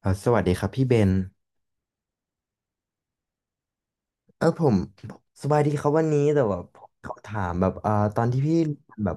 สวัสดีครับพี่เบนผมสบายดีครับวันนี้แต่แบบผมขอถามแบบเอ่าตอนที่พี่แบบ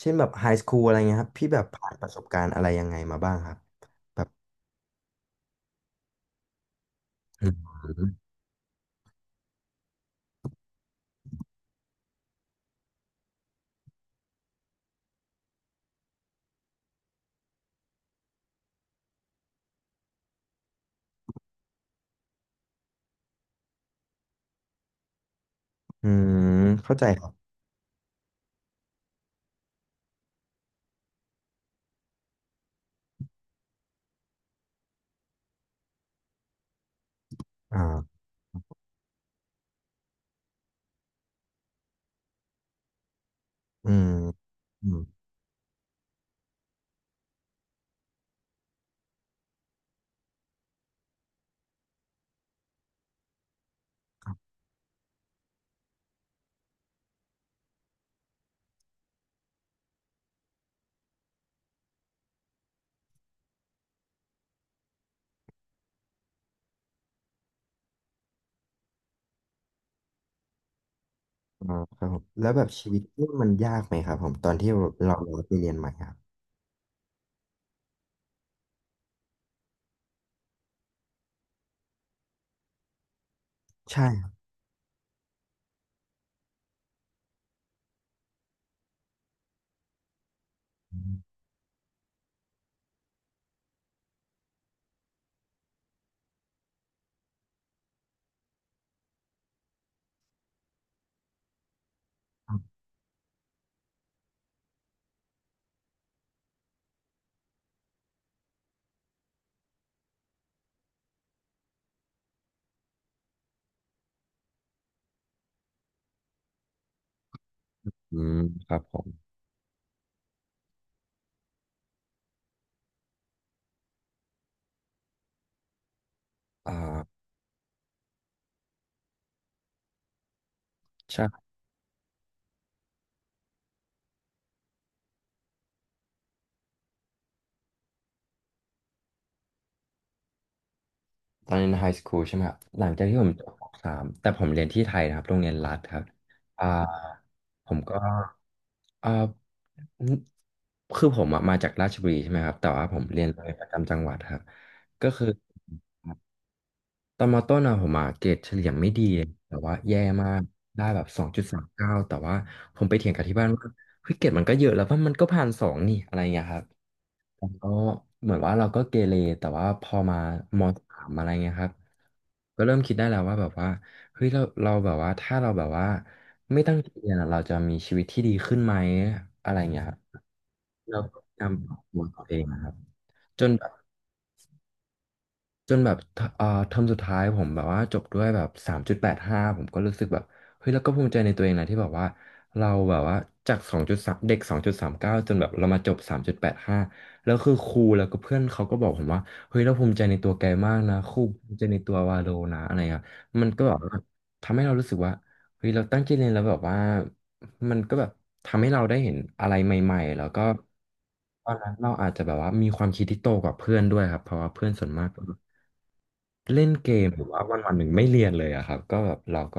เช่นแบบไฮสคูลอะไรเงี้ยครับพี่แบบผ่านประสบการณ์อะไรยังไงมาบ้างครับแบบอืมอืมเข้าใจครับอ่าอืมอืมอ่าครับผมแล้วแบบชีวิตนี่มันยากไหมครับผมตอนที่เราไปเรียนใหม่ครับใช่ครับอืมอืมครับผมอ่า ตอนเรียนไฮสคูลใช่ไหมครับหลังจากที่ผมจบปสามแต่ผมเรียนที่ไทยนะครับโรงเรียนรัฐครับอ่าผมก็อ่าคือผมอะมาจากราชบุรีใช่ไหมครับแต่ว่าผมเรียนโรงเรียนประจำจังหวัดครับก็คือตอนมต้นอะผมอะเกรดเฉลี่ยไม่ดีเลยแต่ว่าแย่มากได้แบบสองจุดสามเก้าแต่ว่าผมไปเถียงกับที่บ้านว่าเฮ้ยเกรดมันก็เยอะแล้วว่ามันก็ผ่านสองนี่อะไรเงี้ยครับ ผมก็เหมือนว่าเราก็เกเรแต่ว่าพอมามสามอะไรเงี้ยครับก็เริ่มคิดได้แล้วว่าแบบว่าเฮ้ยเราแบบว่าถ้าเราแบบว่าไม่ตั้งใจเรียนอะเราจะมีชีวิตที่ดีขึ้นไหมอะไรเงี้ยครับเราก็พยายามปรับตัวตัวเองนะครับจนแบบ จนแบบทเอ่อเทอมสุดท้ายผมแบบว่าจบด้วยแบบสามจุดแปดห้าผมก็รู้สึกแบบเฮ้ยแล้วก็ภูมิใจในตัวเองนะที่แบบว่าเราแบบว่าจากสองจุดสามเก้าจนแบบเรามาจบสามจุดแปดห้าแล้วคือครูแล้วก็เพื่อนเขาก็บอกผมว่าเฮ้ยเราภูมิใจในตัวแกมากนะครูภูมิใจในตัววาโลนะอะไรครับมันก็แบบว่าทำให้เรารู้สึกว่าเฮ้ยเราตั้งใจเรียนแล้วแบบว่ามันก็แบบทำให้เราได้เห็นอะไรใหม่ๆแล้วก็ตอนนั้นเราอาจจะแบบว่ามีความคิดที่โตกว่าเพื่อนด้วยครับ เพราะว่าเพื่อนส่วนมาก เล่นเกมหรือว่าวันวันหนึ่งไม่เรียนเลยอะครับก็แบบเราก็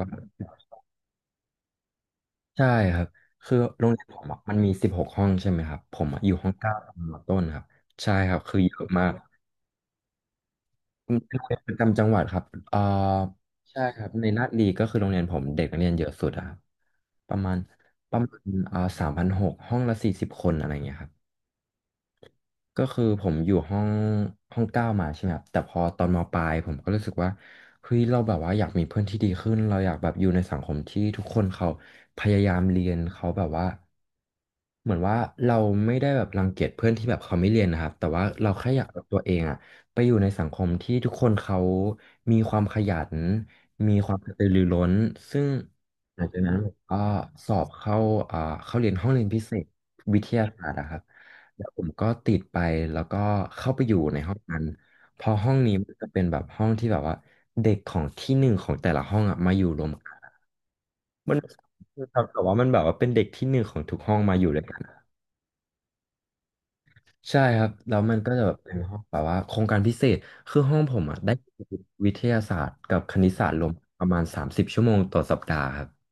ใช่ครับคือโรงเรียนผมอะมันมี16ห้องใช่ไหมครับผมอะอยู่ห้องเก้าตอนมอต้นครับใช่ครับคือเยอะมากเป็นโรงเรียนประจำจังหวัดครับเอ่อใช่ครับในลาดลีก็คือโรงเรียนผมเด็กนักเรียนเยอะสุดอะครับประมาณ3,000หกห้องละ40คนอะไรเงี้ยครับ ก็คือผมอยู่ห้องห้อง9มาใช่ไหมครับแต่พอตอนมปลายผมก็รู้สึกว่าเฮ้ยเราแบบว่าอยากมีเพื่อนที่ดีขึ้นเราอยากแบบอยู่ในสังคมที่ทุกคนเขาพยายามเรียนเขาแบบว่าเหมือนว่าเราไม่ได้แบบรังเกียจเพื่อนที่แบบเขาไม่เรียนนะครับแต่ว่าเราแค่อยากเอาตัวเองอะไปอยู่ในสังคมที่ทุกคนเขามีความขยันมีความกระตือรือร้นซึ่งหลังจากนั้นผมก็สอบเข้าอ่าเข้าเรียนห้องเรียนพิเศษวิทยาศาสตร์อะครับ แล้วผมก็ติดไปแล้วก็เข้าไปอยู่ในห้องนั้นพอห้องนี้มันจะเป็นแบบห้องที่แบบว่าเด็กของที่หนึ่งของแต่ละห้องอ่ะมาอยู่รวมกันมันครับแต่ว่ามันแบบว่าเป็นเด็กที่หนึ่งของทุกห้องมาอยู่ด้วยกันอะใช่ครับแล้วมันก็จะแบบเป็นห้องแบบว่าโครงการพิเศษคือห้องผมอ่ะได้วิทยาศาสตร์กับคณิตศาสตร์รวมประมาณ30ชั่วโมงต่อสัปดาห์ครับ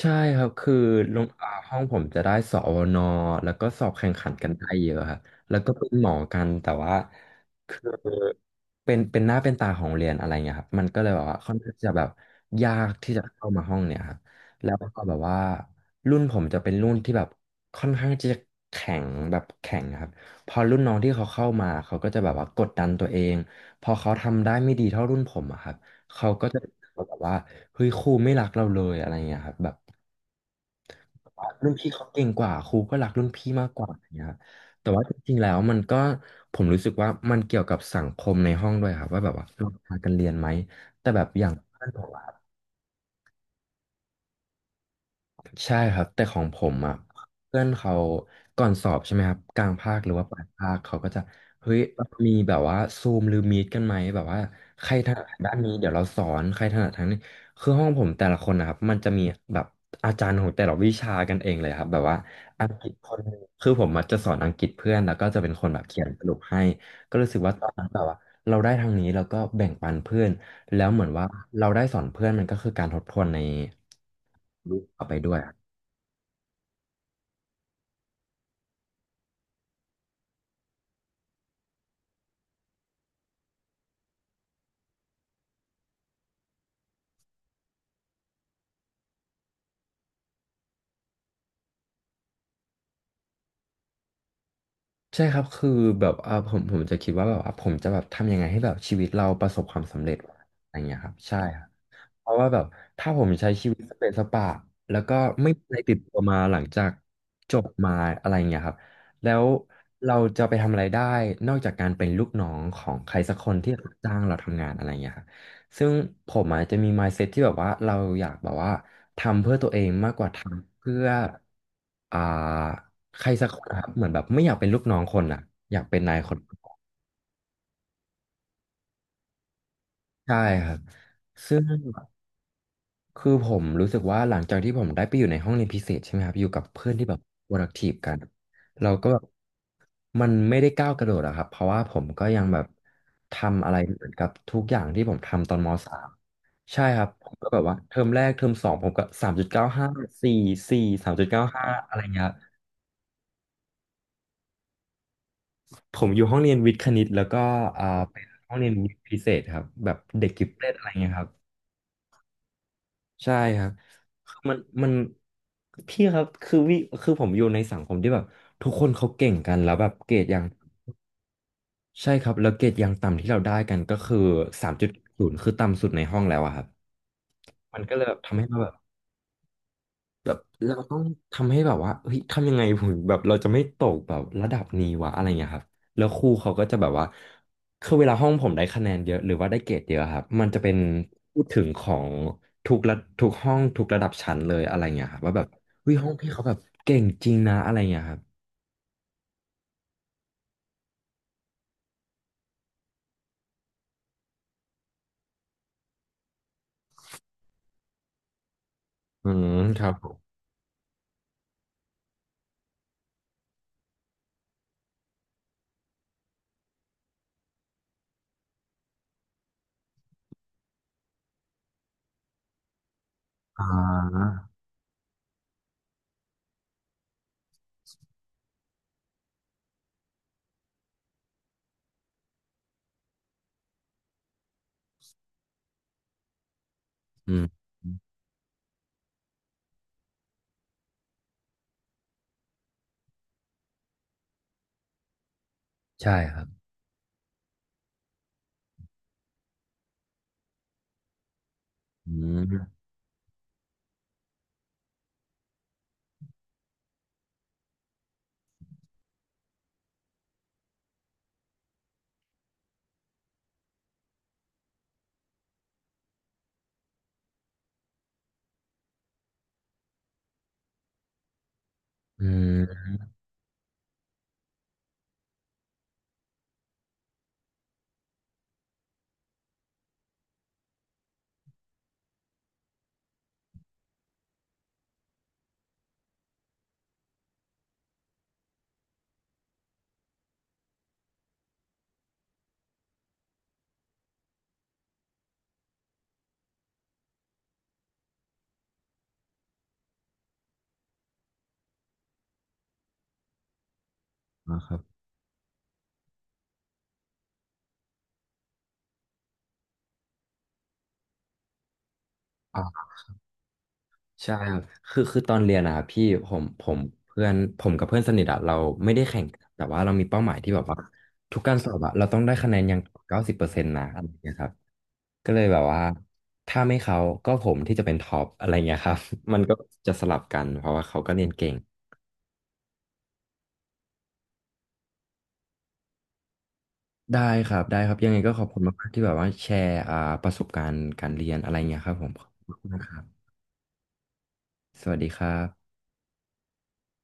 ใช่ครับคือโรงอ่าห้องผมจะได้สอนแล้วก็สอบแข่งขันกันได้เยอะครับแล้วก็เป็นหมอกัน แต่ว่าคือเป็นหน้าเป็นตาของเรียนอะไรเงี้ยครับมันก็เลยแบบว่าค่อนข้างจะแบบยากที่จะเข้ามาห้องเนี่ยครับแล้วก็แบบว่ารุ่นผมจะเป็นรุ่นที่แบบค่อนข้างจะแข็งแบบแข็งครับพอรุ่นน้องที่เขาเข้ามาเขาก็จะแบบว่ากดดันตัวเอง พอเขาทำได้ไม่ดีเท่ารุ่นผมอะครับเขาก็จะแบบว่าเฮ้ยครูไม่รักเราเลยอะไรเงี้ยครับแบบ รุ่นพี่เขาเก่งกว่าครูก็รักรุ่นพี่มากกว่าอย่างเงี้ยแต่ว่าจริงๆแล้วมันก็ผมรู้สึกว่ามันเกี่ยวกับสังคมในห้องด้วยครับว่าแบบว่าเราพากันเรียนไหมแต่แบบอย่างเพื่อนผม ใช่ครับแต่ของผมอ่ะเพื่อนเขาก่อนสอบใช่ไหมครับกลางภาคหรือว่าปลายภาคเขาก็จะเฮ้ยมีแบบว่าซูมหรือมีดกันไหมแบบว่าใครถนัดทางด้านนี้เดี๋ยวเราสอนใครถนัดทางนี้คือห้องผมแต่ละคนนะครับมันจะมีแบบอาจารย์ของแต่ละวิชากันเองเลยครับแบบว่าอังกฤษคนหนึ่งคือผมอะจะสอนอังกฤษเพื่อนแล้วก็จะเป็นคนแบบเขียนสรุปให้ก็รู้สึกว่าตอนนั้นแบบว่าเราได้ทางนี้แล้วก็แบ่งปันเพื่อน แล้วเหมือนว่าเราได้สอนเพื่อนมันก็คือการทบทวนในรูปต่อไปด้วยอะใช่ครับคือแบบเอ่าผมจะคิดว่าแบบว่าผมจะแบบทำยังไงให้แบบชีวิตเราประสบความสำเร็จอะไรอย่างเงี้ยครับใช่ครับ เพราะว่าแบบถ้าผมใช้ชีวิตสเปนสปะแล้วก็ไม่มีอะไรติดตัวมาหลังจากจบมาอะไรเงี้ยครับแล้วเราจะไปทำอะไรได้นอกจากการเป็นลูกน้องของใครสักคนที่จ้างเราทำงานอะไรเงี้ยครับซึ่งผมอาจจะมี mindset ที่แบบว่าเราอยากแบบว่าทำเพื่อตัวเองมากกว่าทำเพื่ออ่าใครสักคนนะครับเหมือนแบบไม่อยากเป็นลูกน้องคนอ่ะอยากเป็นนายคนใช่ครับซึ่ง คือผมรู้สึกว่าหลังจากที่ผมได้ไปอยู่ในห้องเรียนพิเศษใช่ไหมครับอยู่กับเพื่อนที่แบบ productive กันเราก็แบบมันไม่ได้ก้าวกระโดดอะครับเพราะว่าผมก็ยังแบบทำอะไรเหมือนกับทุกอย่างที่ผมทำตอนมสามใช่ครับผมก็แบบว่าเทอมแรกเทอมสองผมก็สามจุดเก้าห้าสี่สี่สามจุดเก้าห้าอะไรเงี้ยครับผมอยู่ห้องเรียนวิทย์คณิตแล้วก็อ่าเป็นห้องเรียนวิทย์พิเศษครับแบบเด็กกิฟเต็ดอะไรเงี้ยครับ ใช่ครับคือมันพี่ครับคือผมอยู่ในสังคมที่แบบทุกคนเขาเก่งกันแล้วแบบเกรดยัง ใช่ครับ แล้วเกรดยังต่ำที่เราได้กันก็คือ3.0คือต่ำสุดในห้องแล้วอะครับ มันก็เลยแบบทำให้เราแบบ แบบเราต้องทำให้แบบว่าเฮ้ยทำยังไงผมแบบเราจะไม่ตกแบบระดับนี้วะอะไรเงี้ยครับแล้วครูเขาก็จะแบบว่าคือเวลาห้องผมได้คะแนนเยอะหรือว่าได้เกรดเยอะครับมันจะเป็นพูดถึงของทุกระทุกห้องทุกระดับชั้นเลยอะไรเงี้ยครับว่าแบบเฮ้ยห้องพี่เขาแบบเก่งจริงนะอะไรเงี้ยครับอืมครับผมอ่าอืมใช่ครับอืมอืมนะครับ ใช่ครับคือตอนเรียนนะครับพี่ผมเพื่อนผมกับเพื่อนสนิทอะเราไม่ได้แข่งกันแต่ว่าเรามีเป้าหมายที่แบบว่าทุกการสอบอะเราต้องได้คะแนนอย่าง90%นะอะไรอย่างเงี้ยครับก็เลยแบบว่าถ้าไม่เขาก็ผมที่จะเป็นท็อปอะไรเงี้ยครับ มันก็จะสลับกันเพราะว่าเขาก็เรียนเก่งได้ครับได้ครับยังไงก็ขอบคุณมากๆที่แบบว่าแชร์ประสบการณ์การเรียนอะไรเงี้ยครับผมขอบคุณนะครับสวัสดีครับ